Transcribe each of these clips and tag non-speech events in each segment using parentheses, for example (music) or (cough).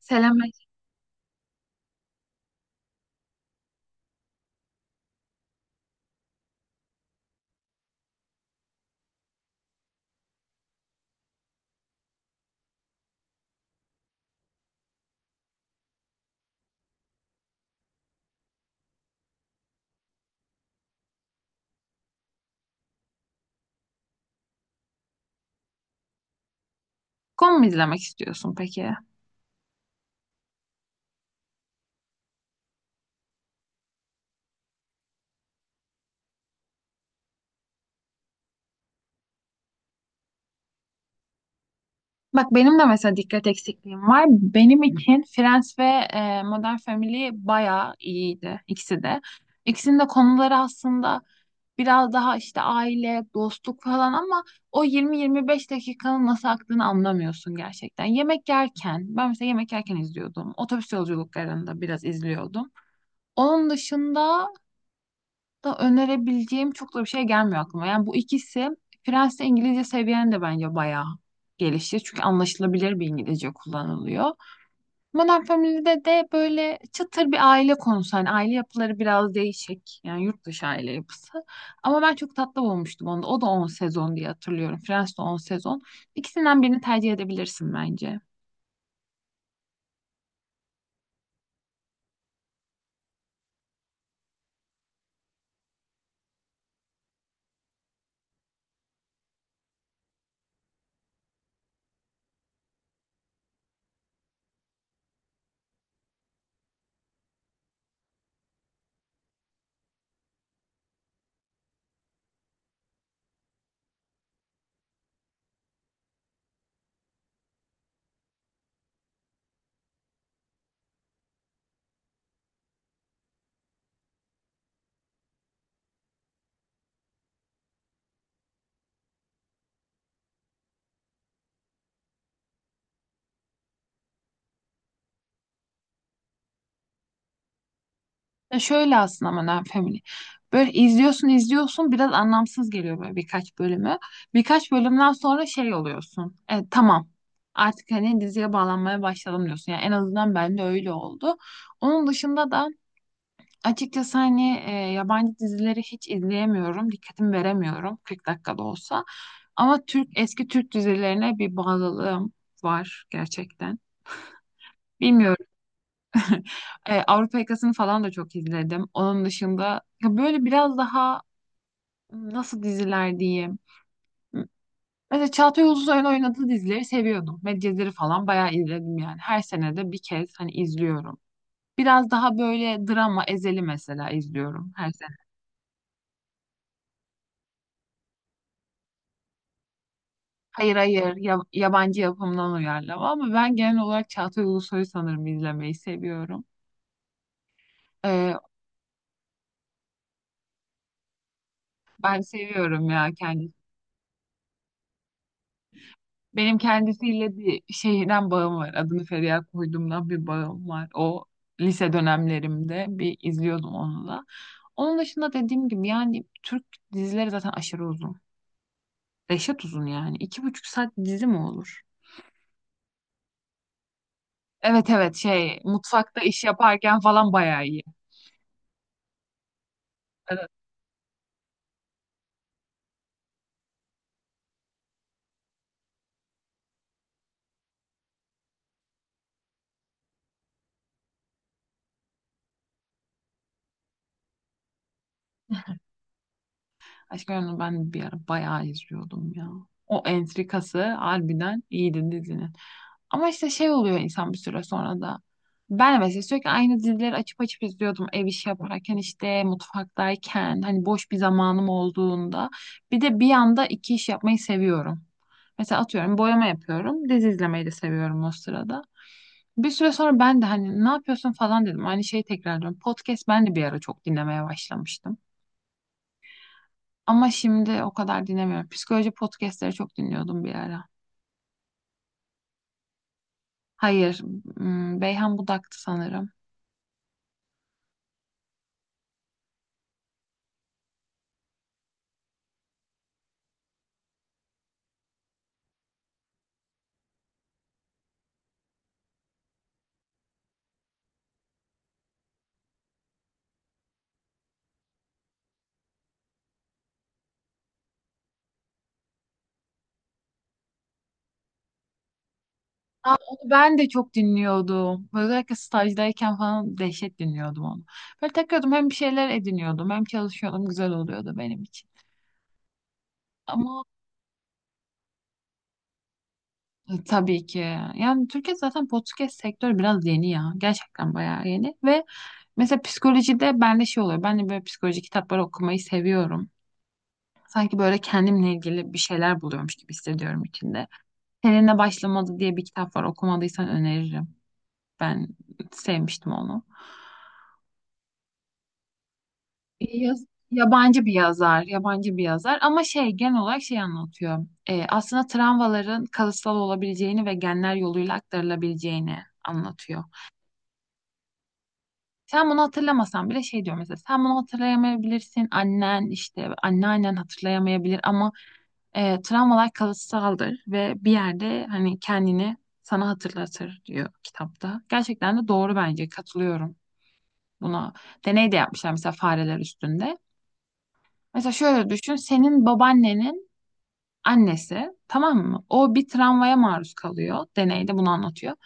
Selamünaleyküm mu izlemek istiyorsun peki? Bak benim de mesela dikkat eksikliğim var. Benim için Friends ve Modern Family bayağı iyiydi ikisi de. İkisinin de konuları aslında biraz daha işte aile, dostluk falan ama o 20-25 dakikanın nasıl aktığını anlamıyorsun gerçekten. Yemek yerken, ben mesela yemek yerken izliyordum. Otobüs yolculuklarında biraz izliyordum. Onun dışında da önerebileceğim çok da bir şey gelmiyor aklıma. Yani bu ikisi Fransızca İngilizce seviyeni de bence bayağı gelişir. Çünkü anlaşılabilir bir İngilizce kullanılıyor. Modern Family'de de böyle çıtır bir aile konusu. Hani aile yapıları biraz değişik. Yani yurt dışı aile yapısı. Ama ben çok tatlı bulmuştum onu da. O da 10 sezon diye hatırlıyorum. Friends de 10 sezon. İkisinden birini tercih edebilirsin bence. Ya şöyle aslında Modern Family. Böyle izliyorsun izliyorsun biraz anlamsız geliyor böyle birkaç bölümü. Birkaç bölümden sonra şey oluyorsun. Tamam artık hani diziye bağlanmaya başladım diyorsun. Yani en azından bende öyle oldu. Onun dışında da açıkçası hani yabancı dizileri hiç izleyemiyorum. Dikkatimi veremiyorum 40 dakikada olsa. Ama Türk eski Türk dizilerine bir bağlılığım var gerçekten. Bilmiyorum. (laughs) Avrupa Yakası'nı falan da çok izledim. Onun dışında ya böyle biraz daha nasıl diziler diyeyim. Mesela Çağatay Ulusoy'un oynadığı dizileri seviyordum. Medcezir'i falan bayağı izledim yani. Her sene de bir kez hani izliyorum. Biraz daha böyle drama Ezel'i mesela izliyorum her sene. Hayır hayır yabancı yapımdan uyarlama ama ben genel olarak Çağatay Ulusoy'u sanırım izlemeyi seviyorum. E, Ben seviyorum ya. Benim kendisiyle bir şeyden bağım var. Adını Feriha koyduğumdan bir bağım var. O lise dönemlerimde bir izliyordum onu da. Onun dışında dediğim gibi yani Türk dizileri zaten aşırı uzun. Reşat uzun yani. 2,5 saat dizi mi olur? Evet evet şey mutfakta iş yaparken falan bayağı iyi. Evet. Aşk Memnu ben bir ara bayağı izliyordum ya. O entrikası harbiden iyiydi dizinin. Ama işte şey oluyor insan bir süre sonra da. Ben mesela sürekli aynı dizileri açıp açıp izliyordum ev işi yaparken işte mutfaktayken hani boş bir zamanım olduğunda. Bir de bir anda iki iş yapmayı seviyorum. Mesela atıyorum boyama yapıyorum dizi izlemeyi de seviyorum o sırada. Bir süre sonra ben de hani ne yapıyorsun falan dedim. Aynı şeyi tekrarlıyorum. Podcast ben de bir ara çok dinlemeye başlamıştım. Ama şimdi o kadar dinlemiyorum. Psikoloji podcastleri çok dinliyordum bir ara. Hayır, Beyhan Budak'tı sanırım. Aa, onu ben de çok dinliyordum. Özellikle stajdayken falan dehşet dinliyordum onu. Böyle takıyordum hem bir şeyler ediniyordum hem çalışıyordum. Güzel oluyordu benim için. Ama tabii ki. Yani Türkiye zaten podcast sektörü biraz yeni ya. Gerçekten bayağı yeni. Ve mesela psikolojide bende şey oluyor. Ben de böyle psikoloji kitapları okumayı seviyorum. Sanki böyle kendimle ilgili bir şeyler buluyormuş gibi hissediyorum içinde. Seninle başlamadı diye bir kitap var. Okumadıysan öneririm. Ben sevmiştim onu. Yaz- Yabancı bir yazar, yabancı bir yazar ama şey genel olarak şey anlatıyor. Aslında travmaların kalıtsal olabileceğini ve genler yoluyla aktarılabileceğini anlatıyor. Sen bunu hatırlamasan bile şey diyor mesela sen bunu hatırlayamayabilirsin annen işte anneannen hatırlayamayabilir ama travmalar kalıtsaldır ve bir yerde hani kendini sana hatırlatır diyor kitapta. Gerçekten de doğru bence katılıyorum buna. Deney de yapmışlar mesela fareler üstünde. Mesela şöyle düşün senin babaannenin annesi tamam mı? O bir travmaya maruz kalıyor. Deneyde bunu anlatıyor.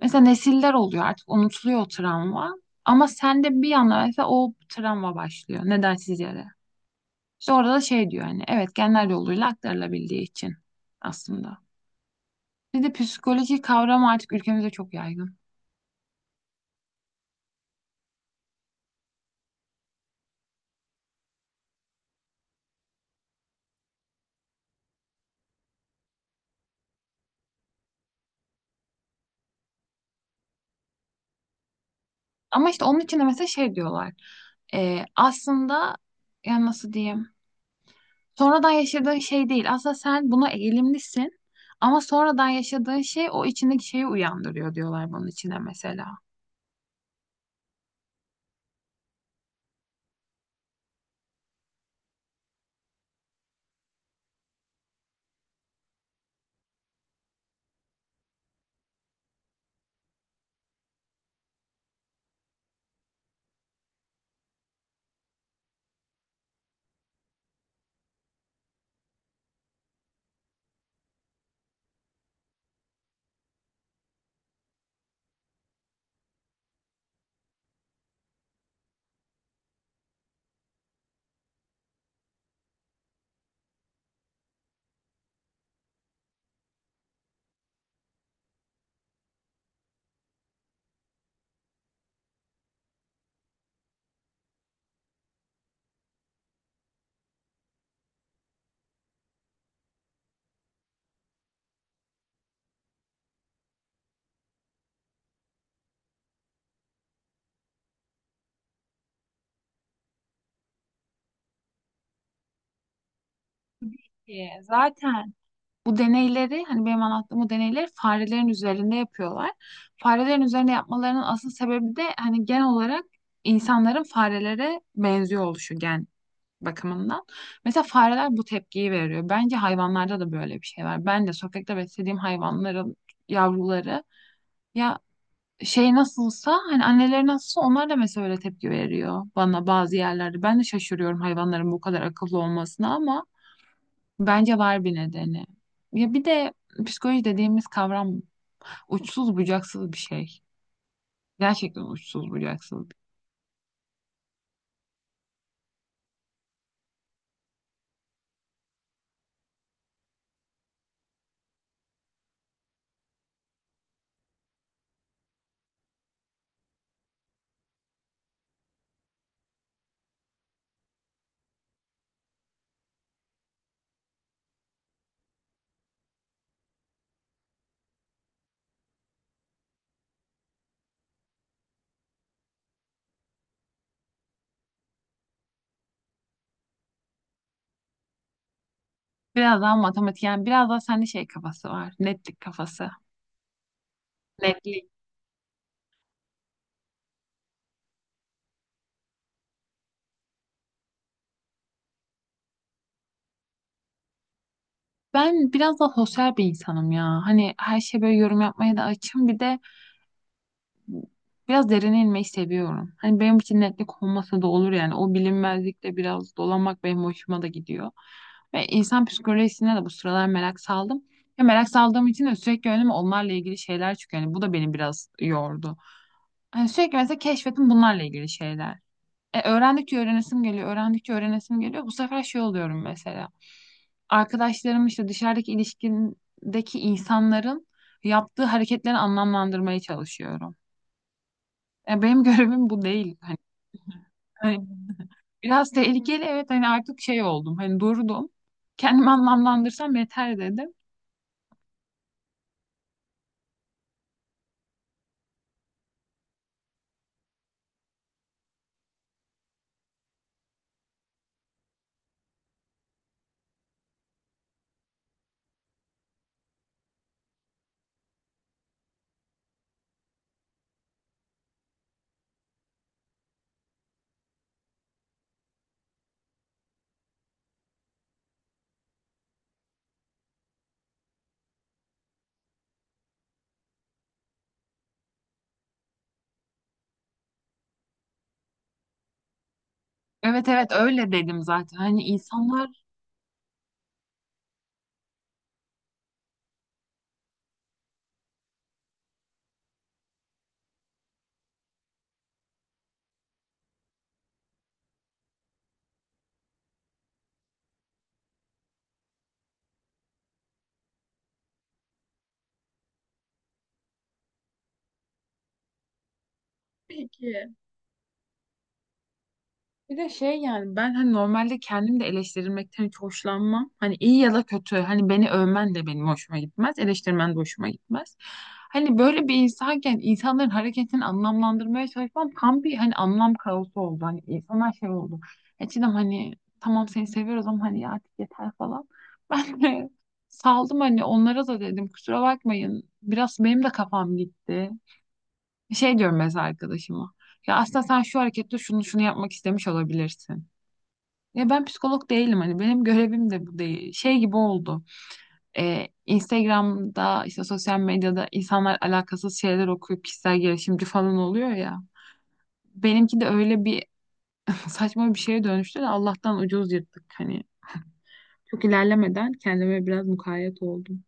Mesela nesiller oluyor artık unutuluyor o travma. Ama sende bir anda mesela o travma başlıyor nedensiz yere. İşte orada da şey diyor hani evet genler yoluyla aktarılabildiği için aslında. Bir de psikoloji kavramı artık ülkemizde çok yaygın. Ama işte onun için de mesela şey diyorlar. Aslında yani nasıl diyeyim? Sonradan yaşadığın şey değil. Aslında sen buna eğilimlisin ama sonradan yaşadığın şey o içindeki şeyi uyandırıyor diyorlar bunun içine mesela. Zaten bu deneyleri hani benim anlattığım bu deneyleri farelerin üzerinde yapıyorlar. Farelerin üzerinde yapmalarının asıl sebebi de hani genel olarak insanların farelere benziyor oluşu gen bakımından. Mesela fareler bu tepkiyi veriyor. Bence hayvanlarda da böyle bir şey var. Ben de sokakta beslediğim hayvanların yavruları ya şey nasılsa hani anneleri nasılsa onlar da mesela öyle tepki veriyor bana bazı yerlerde. Ben de şaşırıyorum hayvanların bu kadar akıllı olmasına ama bence var bir nedeni. Ya bir de psikoloji dediğimiz kavram uçsuz bucaksız bir şey. Gerçekten uçsuz bucaksız. Biraz daha matematik yani biraz daha sende şey kafası var. Netlik kafası. Netlik. Ben biraz da sosyal bir insanım ya. Hani her şeye böyle yorum yapmaya da açım. Bir de biraz derine inmeyi seviyorum. Hani benim için netlik olmasa da olur yani. O bilinmezlikle biraz dolanmak benim hoşuma da gidiyor. Ve insan psikolojisine de bu sıralar merak saldım. Ya merak saldığım için de sürekli önüme onlarla ilgili şeyler çıkıyor. Yani bu da beni biraz yordu. Hani sürekli mesela keşfettim bunlarla ilgili şeyler. Öğrendikçe öğrenesim geliyor, öğrendikçe öğrenesim geliyor. Bu sefer şey oluyorum mesela. Arkadaşlarım işte dışarıdaki ilişkindeki insanların yaptığı hareketleri anlamlandırmaya çalışıyorum. Benim (laughs) görevim bu değil. Hani biraz tehlikeli evet hani artık şey oldum. Hani durdum. Kendimi anlamlandırsam yeter dedim. Evet evet öyle dedim zaten. Hani insanlar. Peki. Bir de şey yani ben hani normalde kendim de eleştirilmekten hiç hoşlanmam. Hani iyi ya da kötü hani beni övmen de benim hoşuma gitmez, eleştirmen de hoşuma gitmez. Hani böyle bir insanken insanların hareketini anlamlandırmaya çalışmam tam bir hani anlam kaosu oldu. Hani insanlar şey oldu. Eskiden hani tamam seni seviyoruz ama hani ya artık yeter falan. (laughs) Ben de saldım hani onlara da dedim kusura bakmayın. Biraz benim de kafam gitti. Şey diyorum mesela arkadaşıma. Ya aslında sen şu harekette şunu şunu yapmak istemiş olabilirsin. Ya ben psikolog değilim hani benim görevim de bu değil. Şey gibi oldu. Instagram'da işte sosyal medyada insanlar alakasız şeyler okuyup kişisel gelişimci falan oluyor ya. Benimki de öyle bir (laughs) saçma bir şeye dönüştü de Allah'tan ucuz yırttık hani. Çok ilerlemeden kendime biraz mukayyet oldum.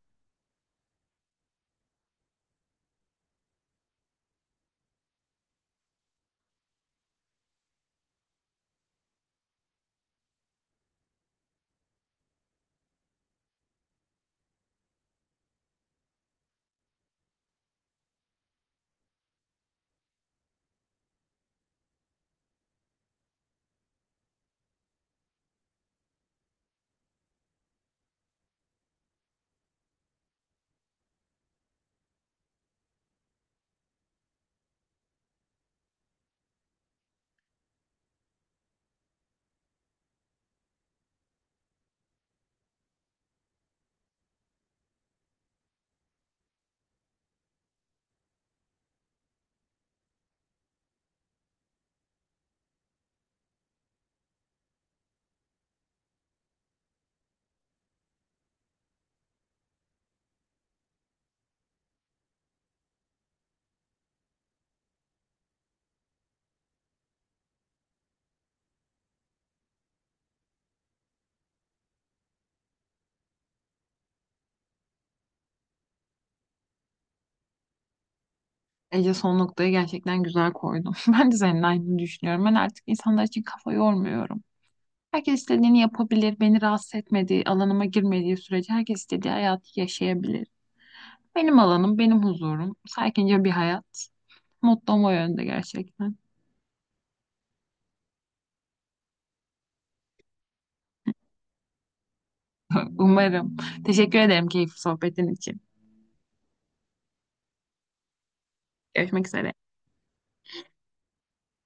Ece son noktayı gerçekten güzel koydum. (laughs) Ben de senin aynı düşünüyorum. Ben artık insanlar için kafa yormuyorum. Herkes istediğini yapabilir, beni rahatsız etmediği, alanıma girmediği sürece herkes istediği hayatı yaşayabilir. Benim alanım, benim huzurum, sakince bir hayat. Mutlu o yönde gerçekten. Umarım. Teşekkür ederim keyifli sohbetin için. Görüşmek üzere.